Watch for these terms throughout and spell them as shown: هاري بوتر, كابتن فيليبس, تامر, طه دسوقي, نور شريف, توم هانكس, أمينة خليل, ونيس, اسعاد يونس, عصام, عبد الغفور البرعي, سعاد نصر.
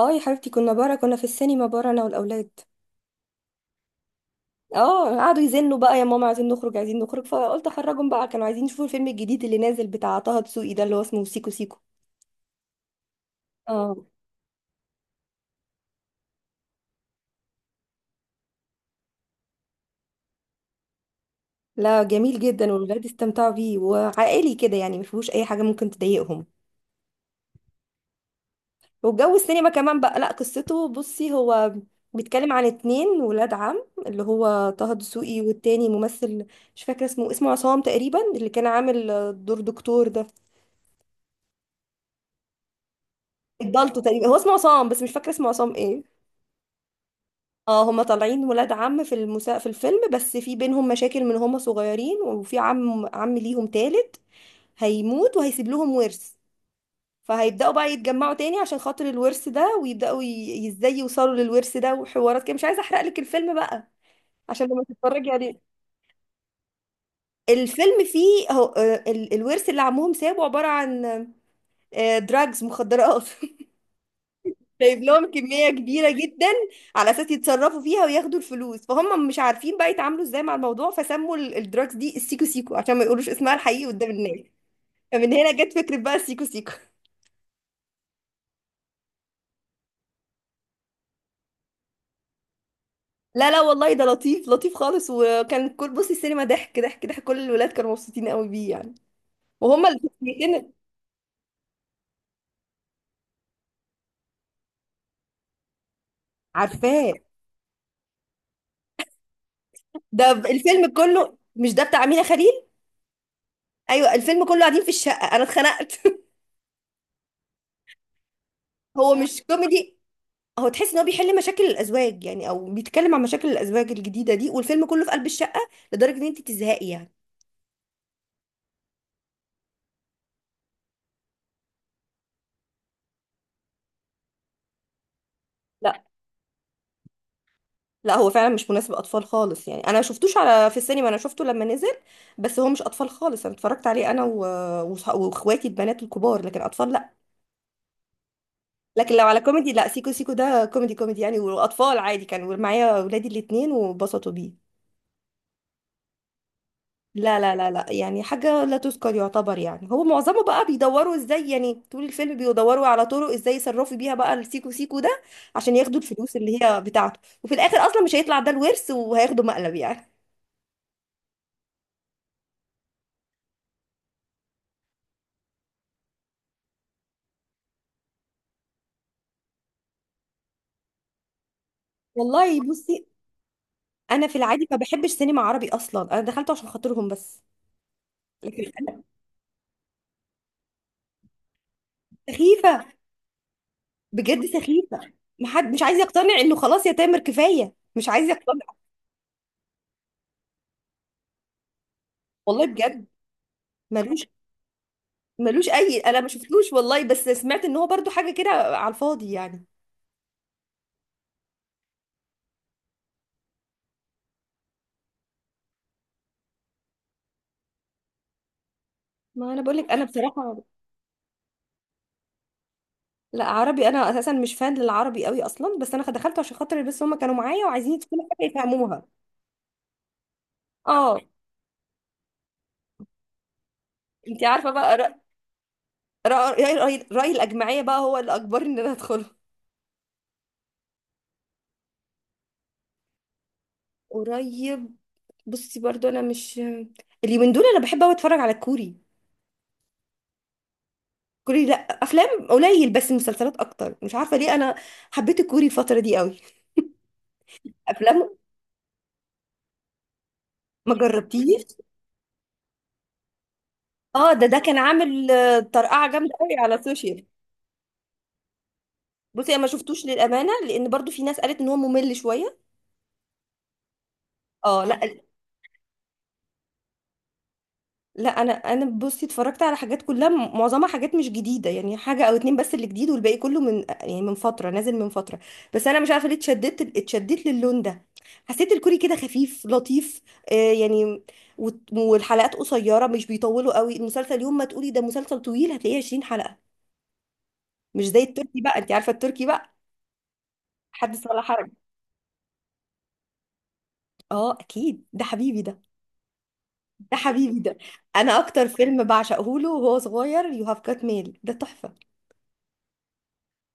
اه، يا حبيبتي، كنا بره، كنا في السينما بره، انا والاولاد. اه، قعدوا يزنوا بقى، يا ماما عايزين نخرج عايزين نخرج، فقلت اخرجهم بقى. كانوا عايزين يشوفوا الفيلم الجديد اللي نازل بتاع طه دسوقي، ده اللي هو اسمه سيكو سيكو. اه. لا، جميل جدا، والولاد استمتعوا بيه، وعائلي كده، يعني ما فيهوش اي حاجه ممكن تضايقهم. والجو السينما كمان بقى. لا، قصته، بصي، هو بيتكلم عن اتنين ولاد عم، اللي هو طه دسوقي والتاني ممثل مش فاكره اسمه عصام تقريبا، اللي كان عامل دور دكتور ده. الدالتو تقريبا، هو اسمه عصام بس مش فاكره اسمه عصام ايه. اه، هما طالعين ولاد عم في في الفيلم، بس في بينهم مشاكل من هما صغيرين، وفي عم ليهم تالت هيموت وهيسيب لهم ورث. فهيبدأوا بقى يتجمعوا تاني عشان خاطر الورث ده، ويبدأوا ازاي يوصلوا للورث ده وحوارات كده. مش عايزة احرق لك الفيلم بقى عشان لما تتفرجي عليه. الفيلم فيه الورث اللي عمهم سابه عبارة عن دراجز مخدرات، جايب لهم كمية كبيرة جدا على أساس يتصرفوا فيها وياخدوا الفلوس، فهم مش عارفين بقى يتعاملوا ازاي مع الموضوع، فسموا الدراكس دي السيكو سيكو عشان ما يقولوش اسمها الحقيقي قدام الناس. فمن هنا جت فكرة بقى السيكو سيكو. لا لا، والله ده لطيف لطيف خالص، وكان كل، بصي، السينما ضحك ضحك ضحك، كل الولاد كانوا مبسوطين قوي بيه يعني. وهم الفيلمين. عارفاه. ده الفيلم كله، مش ده بتاع أمينة خليل؟ ايوه، الفيلم كله قاعدين في الشقة، انا اتخنقت. هو مش كوميدي. هو تحس ان هو بيحل مشاكل الازواج يعني، او بيتكلم عن مشاكل الازواج الجديده دي، والفيلم كله في قلب الشقه، لدرجه ان انت تزهقي يعني. لا، لا هو فعلا مش مناسب اطفال خالص يعني، انا شفتوش على في السينما، انا شفته لما نزل. بس هو مش اطفال خالص، انا اتفرجت عليه انا واخواتي البنات الكبار، لكن اطفال لا. لكن لو على كوميدي، لا سيكو سيكو ده كوميدي كوميدي يعني، واطفال عادي، كانوا معايا ولادي الاتنين وبسطوا بيه. لا لا لا لا، يعني حاجة لا تذكر يعتبر يعني، هو معظمه بقى بيدوروا ازاي، يعني طول الفيلم بيدوروا على طرق ازاي يصرفوا بيها بقى السيكو سيكو ده، عشان ياخدوا الفلوس اللي هي بتاعته، وفي الاخر اصلا مش هيطلع ده الورث وهياخدوا مقلب يعني. والله، بصي، انا في العادي ما بحبش سينما عربي اصلا، انا دخلته عشان خاطرهم بس. لكن انا. سخيفة. بجد سخيفة. محد مش عايز يقتنع انه خلاص يا تامر، كفاية، مش عايز يقتنع. والله بجد. ملوش ملوش اي، انا ما شفتلوش والله، بس سمعت ان هو برضو حاجة كده على الفاضي يعني. ما انا بقولك انا بصراحه. لا، عربي انا اساسا مش فان للعربي قوي اصلا، بس انا دخلته عشان خاطر، بس هم كانوا معايا وعايزين يدخلوا حاجه يفهموها. اه. انت عارفه بقى رأي الاجمعيه بقى، هو اللي اجبرني ان انا ادخله. قريب، بصي برضو انا مش. اليومين دول انا بحب قوي اتفرج على الكوري. كوري، لا افلام قليل، بس مسلسلات اكتر، مش عارفه ليه انا. حبيت الكوري الفتره دي قوي. افلام. ما جربتيش؟ اه. ده كان عامل طرقعه جامده قوي على السوشيال. بصي، انا ما شفتوش للامانه، لان برضو في ناس قالت ان هو ممل شويه. اه. لا. لا، انا بصي اتفرجت على حاجات كلها معظمها حاجات مش جديده، يعني حاجه او اتنين بس اللي جديد، والباقي كله من، يعني من فتره نازل، من فتره. بس انا مش عارفه ليه اتشددت اتشددت للون ده. حسيت الكوري كده خفيف لطيف. آه، يعني. والحلقات قصيره، مش بيطولوا قوي المسلسل يوم ما تقولي ده مسلسل طويل هتلاقيه 20 حلقه. مش زي التركي بقى، انت عارفه التركي بقى. حدث ولا حرج. اه، اكيد، ده حبيبي ده. ده حبيبي ده. انا اكتر فيلم بعشقه له وهو صغير يو هاف كات ميل، ده تحفه.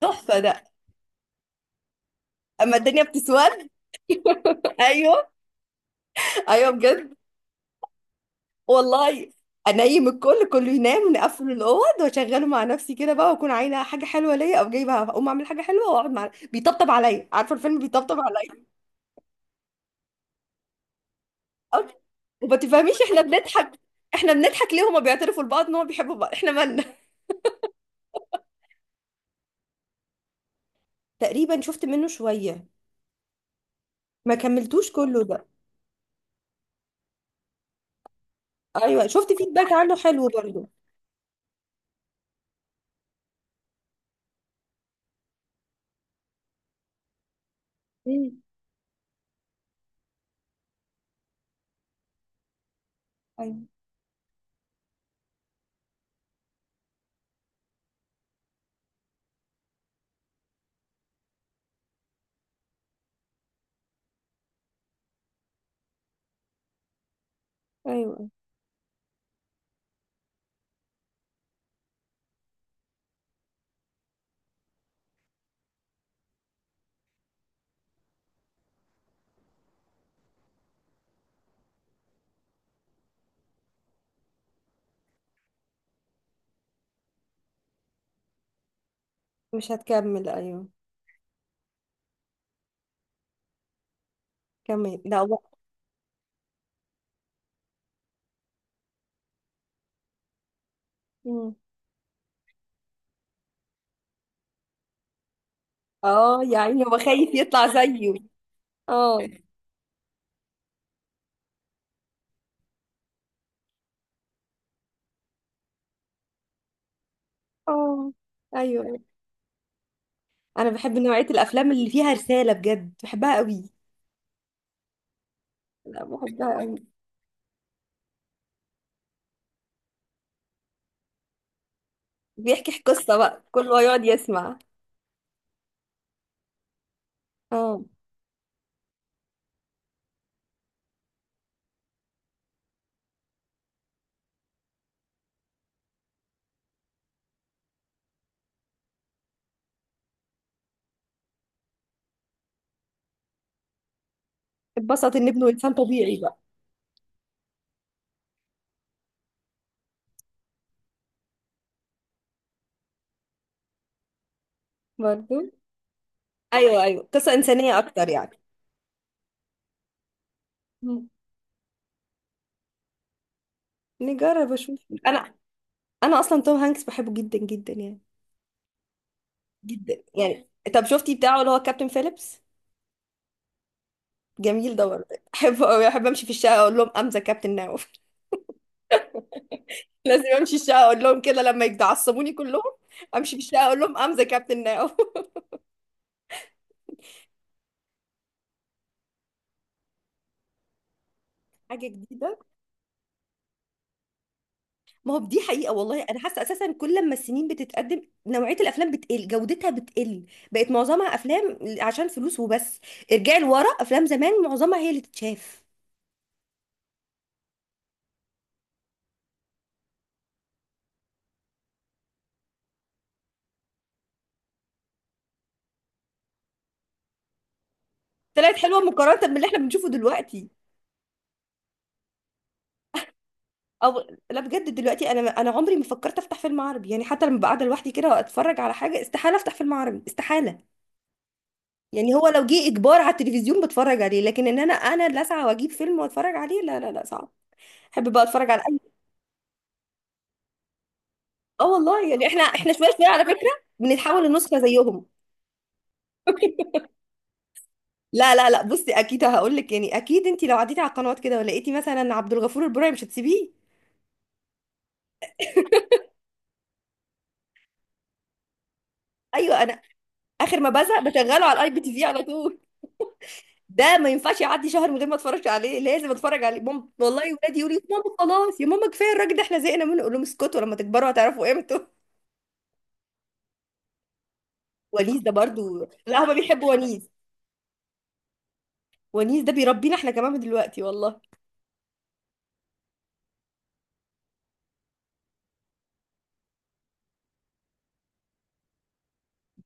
تحفه ده. اما الدنيا بتسود. ايوه. ايوه بجد. والله. انيم الكل، كله ينام، نقفل الاوض واشغله مع نفسي كده بقى، واكون عايزه حاجه حلوه ليا او جايبه، اقوم اعمل حاجه حلوه واقعد مع، بيطبطب عليا، عارفه الفيلم بيطبطب عليا. أو- وما تفهميش احنا بنضحك. احنا بنضحك ليه؟ هما بيعترفوا لبعض ان هما بيحبوا بعض، احنا مالنا؟ تقريبا شفت منه شويه. ما كملتوش كله ده. ايوه، شفت فيدباك عنه حلو برضه. مم. ايوه ايوه أيوه. مش هتكمل، ايوه. كمل. لا، مم. اه، يا عيني، هو خايف يطلع زيه. اه. اه ايوه أيوه. انا بحب نوعية الافلام اللي فيها رسالة، بجد بحبها قوي. لا، بحبها قوي. بيحكي قصة بقى، كله يقعد يسمع. اه، اتبسط ان ابنه انسان طبيعي بقى. برضه. ايوه ايوه، قصة انسانية اكتر يعني. مم. نجرب اشوف. انا انا اصلا توم هانكس بحبه جدا جدا يعني. جدا يعني. طب شفتي بتاعه اللي هو كابتن فيليبس؟ جميل ده برضه. احب أوي، احب امشي في الشقه اقول لهم: امزه كابتن ناوف. لازم امشي الشقه اقول لهم كده لما يتعصبوني كلهم، امشي في الشقه اقول لهم: امزه كابتن ناوف. حاجه جديده. ما هو دي حقيقه والله، انا حاسه اساسا كل ما السنين بتتقدم نوعيه الافلام بتقل، جودتها بتقل. بقت معظمها افلام عشان فلوس وبس. ارجعي لورا، افلام زمان معظمها هي اللي تتشاف. طلعت حلوه مقارنه باللي احنا بنشوفه دلوقتي. او. لا، بجد دلوقتي، انا عمري ما فكرت افتح فيلم عربي، يعني حتى لما ببقى قاعده لوحدي كده واتفرج على حاجه استحاله افتح فيلم عربي، استحاله. يعني هو لو جه اجبار على التلفزيون بتفرج عليه، لكن ان انا اللي اسعى واجيب فيلم واتفرج عليه، لا لا لا، صعب. احب بقى اتفرج على اي. اه والله يعني، احنا شويه شويه على فكره، بنتحول لنسخه زيهم. لا لا لا، بصي اكيد هقول لك، يعني اكيد انت لو عديتي على القنوات كده ولقيتي مثلا عبد الغفور البرعي، مش هتسيبيه. ايوه. انا اخر ما بزهق بشغله على الـIPTV على طول. ده ما ينفعش يعدي شهر من غير ما اتفرج عليه، لازم اتفرج عليه ماما والله. ولادي يقولوا لي: ماما خلاص يا ماما، كفايه الراجل ده احنا زهقنا منه. اقول لهم: اسكتوا، لما تكبروا هتعرفوا قيمته. ونيس ده برضو، لا هما بيحبوا ونيس. ونيس ده بيربينا احنا كمان من دلوقتي والله.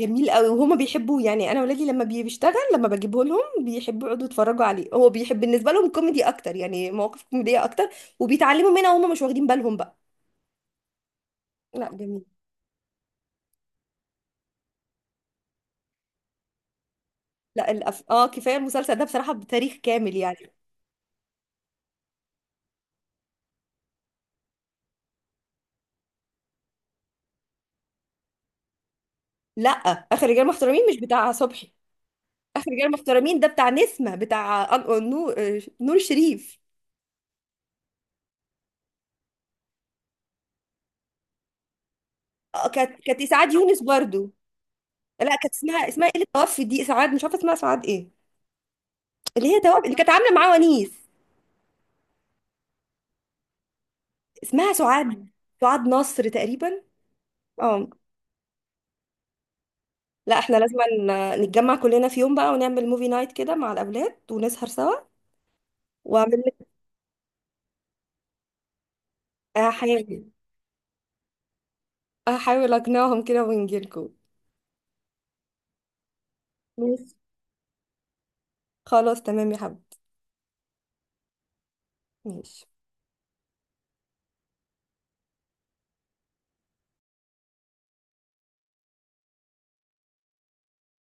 جميل قوي وهما بيحبوه يعني. انا ولادي لما بيشتغل، لما بجيبه لهم بيحبوا يقعدوا يتفرجوا عليه، هو بيحب بالنسبه لهم كوميدي اكتر يعني، مواقف كوميديه اكتر، وبيتعلموا منها وهما مش واخدين بالهم بقى. لا، جميل. لا، الأف... اه كفايه المسلسل ده بصراحه بتاريخ كامل يعني. لا، اخر رجال محترمين مش بتاع صبحي. اخر رجال محترمين ده بتاع نسمة، بتاع نور. نور شريف. كانت اسعاد يونس برضو. لا كانت اسمها ايه اللي توفت دي، سعاد، مش عارفه اسمها سعاد ايه. اللي هي توفت، اللي كانت عامله معاه ونيس. اسمها سعاد. سعاد نصر تقريبا. اه. لا، احنا لازم نتجمع كلنا في يوم بقى ونعمل موفي نايت كده مع الاولاد ونسهر سوا. واعمل لك. هحاول. هحاول اقنعهم كده ونجيلكم. ماشي. خلاص، تمام يا حبيبي. ماشي.